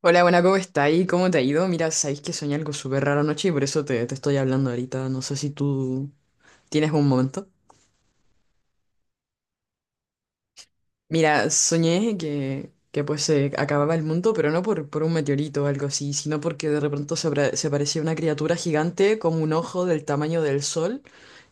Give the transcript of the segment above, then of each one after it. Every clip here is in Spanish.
Hola, buena, ¿cómo está? ¿Y ¿cómo te ha ido? Mira, sabéis que soñé algo súper raro anoche y por eso te estoy hablando ahorita. No sé si tú tienes un momento. Mira, soñé que pues se acababa el mundo, pero no por un meteorito o algo así, sino porque de repente se aparecía una criatura gigante como un ojo del tamaño del sol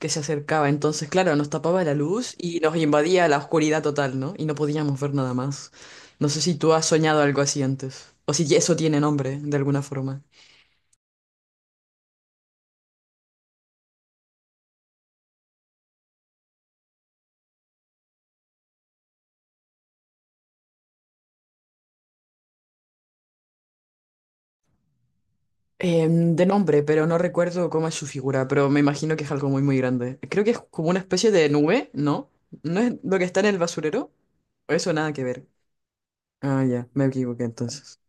que se acercaba. Entonces, claro, nos tapaba la luz y nos invadía la oscuridad total, ¿no? Y no podíamos ver nada más. No sé si tú has soñado algo así antes, o si eso tiene nombre de alguna forma. De nombre, pero no recuerdo cómo es su figura, pero me imagino que es algo muy, muy grande. Creo que es como una especie de nube, ¿no? ¿No es lo que está en el basurero? Eso nada que ver. Ah, ya, me equivoqué entonces.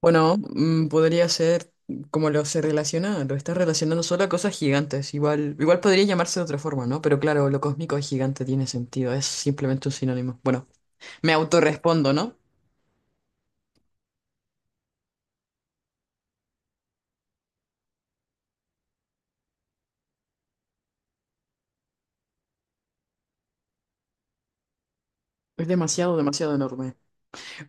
Bueno, podría ser como lo se relaciona, lo está relacionando solo a cosas gigantes. Igual podría llamarse de otra forma, ¿no? Pero claro, lo cósmico es gigante, tiene sentido, es simplemente un sinónimo. Bueno, me autorrespondo, ¿no? Es demasiado, demasiado enorme.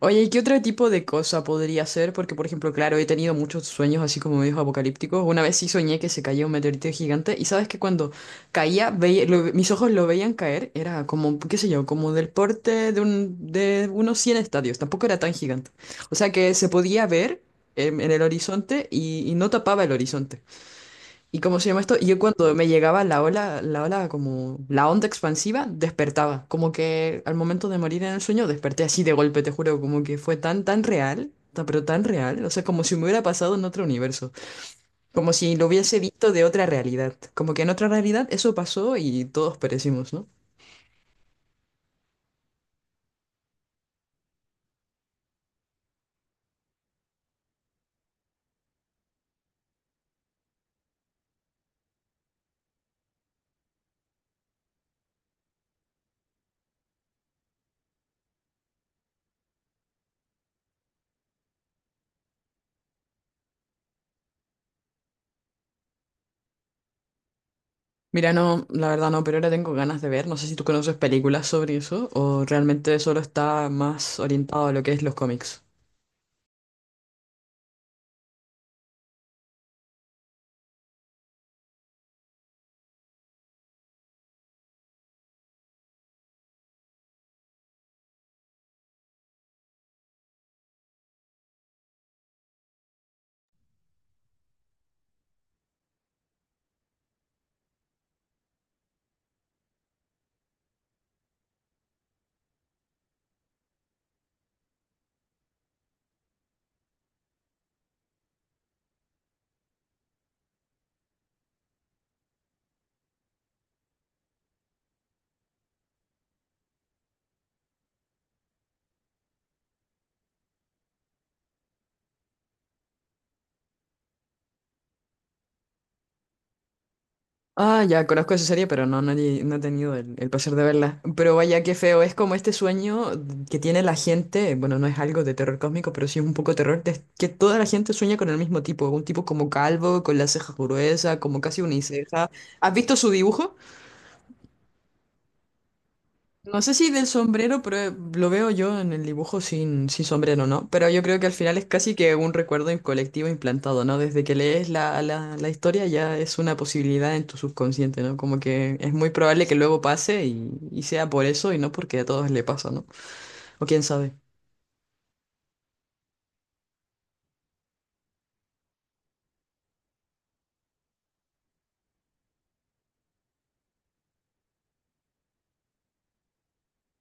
Oye, ¿y qué otro tipo de cosa podría ser? Porque, por ejemplo, claro, he tenido muchos sueños así como medios apocalípticos. Una vez sí soñé que se caía un meteorito gigante, y sabes que cuando caía, mis ojos lo veían caer. Era como, qué sé yo, como del porte de unos 100 estadios. Tampoco era tan gigante. O sea que se podía ver en el horizonte, y no tapaba el horizonte. ¿Y cómo se llama esto? Yo cuando me llegaba la ola, como la onda expansiva, despertaba. Como que al momento de morir en el sueño desperté así de golpe, te juro, como que fue tan, tan real, pero tan real. O sea, como si me hubiera pasado en otro universo. Como si lo hubiese visto de otra realidad. Como que en otra realidad eso pasó y todos perecimos, ¿no? Mira, no, la verdad no, pero ahora tengo ganas de ver. No sé si tú conoces películas sobre eso, o realmente solo está más orientado a lo que es los cómics. Ah, ya conozco esa serie, pero no, no, he no he tenido el placer de verla. Pero vaya, qué feo. Es como este sueño que tiene la gente. Bueno, no es algo de terror cósmico, pero sí es un poco terror, que toda la gente sueña con el mismo tipo. Un tipo como calvo, con las cejas gruesas, como casi uniceja. ¿Has visto su dibujo? No sé si del sombrero, pero lo veo yo en el dibujo sin sombrero, ¿no? Pero yo creo que al final es casi que un recuerdo colectivo implantado, ¿no? Desde que lees la historia ya es una posibilidad en tu subconsciente, ¿no? Como que es muy probable que luego pase, y sea por eso y no porque a todos le pasa, ¿no? O quién sabe.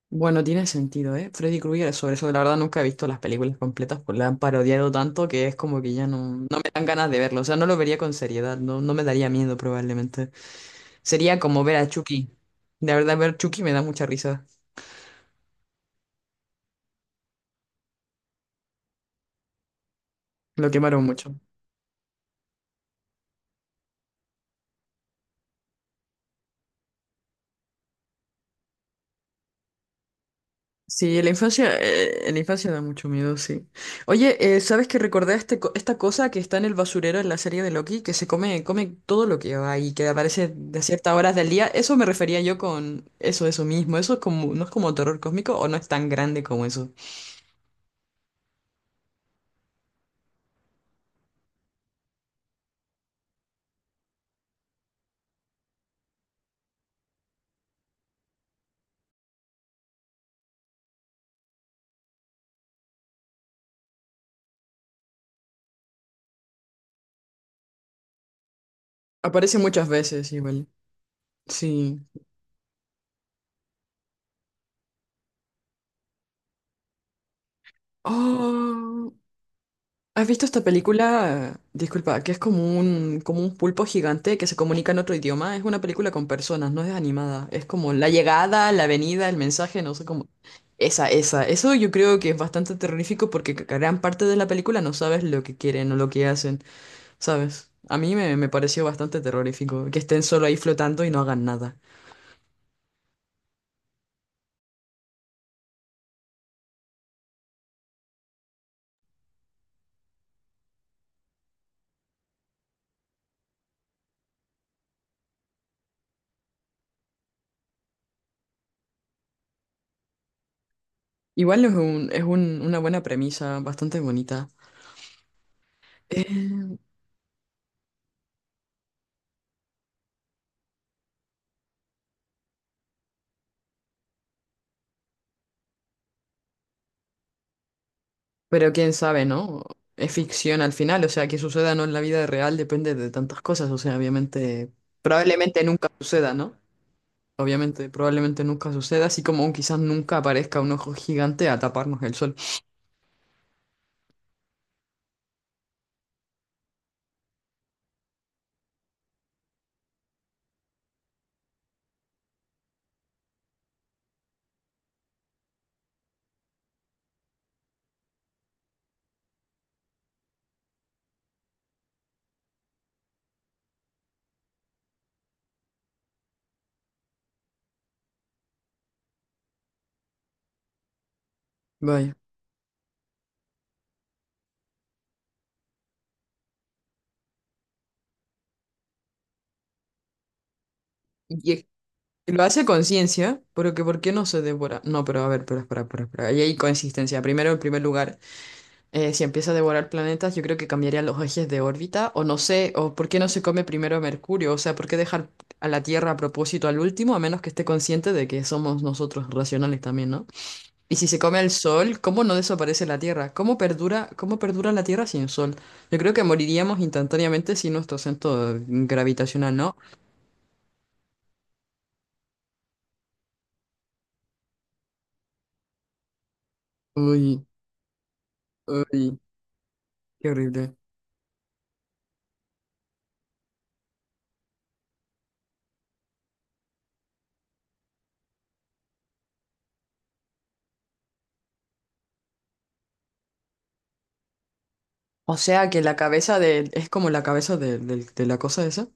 Bueno, tiene sentido, ¿eh? Freddy Krueger sobre eso. La verdad nunca he visto las películas completas, pues la han parodiado tanto que es como que ya no me dan ganas de verlo. O sea, no lo vería con seriedad, no me daría miedo probablemente. Sería como ver a Chucky. La verdad, ver Chucky me da mucha risa. Lo quemaron mucho. Sí, la infancia, en la infancia da mucho miedo, sí. Oye, ¿sabes que recordé esta cosa que está en el basurero en la serie de Loki? Que se come todo lo que va y que aparece de ciertas horas del día. Eso me refería yo con eso, eso mismo. Eso es como, no es como terror cósmico, o no es tan grande como eso. Aparece muchas veces igual. Sí. Oh. ¿Has visto esta película? Disculpa, que es como un pulpo gigante que se comunica en otro idioma. Es una película con personas, no es animada. Es como la llegada, la venida, el mensaje, no sé cómo. Esa, esa. Eso yo creo que es bastante terrorífico porque gran parte de la película no sabes lo que quieren o lo que hacen, ¿sabes? A mí me pareció bastante terrorífico que estén solo ahí flotando y no hagan nada. Igual es un, una buena premisa, bastante bonita. Eh, Pero quién sabe, ¿no? Es ficción al final, o sea, que suceda o no en la vida real depende de tantas cosas, o sea, obviamente, probablemente nunca suceda, ¿no? Obviamente, probablemente nunca suceda, así como quizás nunca aparezca un ojo gigante a taparnos el sol. Vaya. Y es- lo hace a conciencia, ¿pero que por qué no se devora? No, pero a ver, pero espera, espera, espera. Ahí hay consistencia. Primero, en primer lugar. Si empieza a devorar planetas, yo creo que cambiaría los ejes de órbita, o no sé, o por qué no se come primero a Mercurio. O sea, por qué dejar a la Tierra a propósito al último, a menos que esté consciente de que somos nosotros racionales también, ¿no? Y si se come el Sol, ¿cómo no desaparece la Tierra? cómo perdura, la Tierra sin Sol? Yo creo que moriríamos instantáneamente sin nuestro centro gravitacional, ¿no? Uy, uy, qué horrible. O sea que la cabeza de, es como la cabeza de la cosa esa.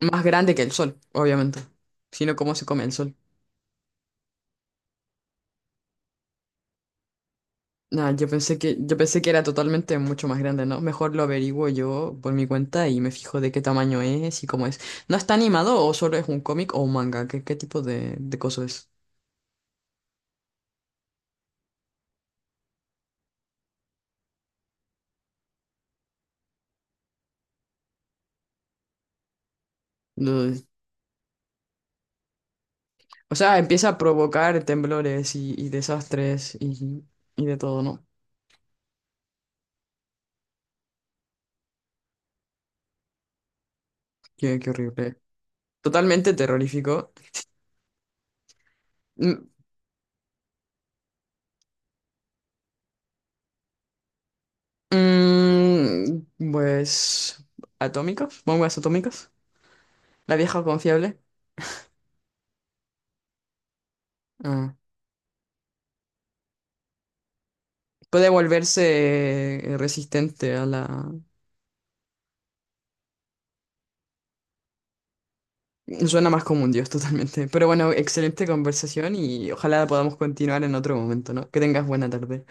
Más grande que el Sol, obviamente. Sino cómo se come el Sol. Nada, yo pensé que era totalmente mucho más grande, ¿no? Mejor lo averiguo yo por mi cuenta y me fijo de qué tamaño es y cómo es. ¿No está animado, o solo es un cómic o un manga? ¿Qué tipo de cosa es? Lo- O sea, empieza a provocar temblores, y desastres, y de todo, ¿no? Qué horrible. Totalmente terrorífico. Mm, pues… ¿atómicos? ¿Bombas atómicas? ¿La vieja confiable? Ah. Puede volverse resistente a la. Suena más como un dios totalmente. Pero bueno, excelente conversación, y ojalá podamos continuar en otro momento, ¿no? Que tengas buena tarde.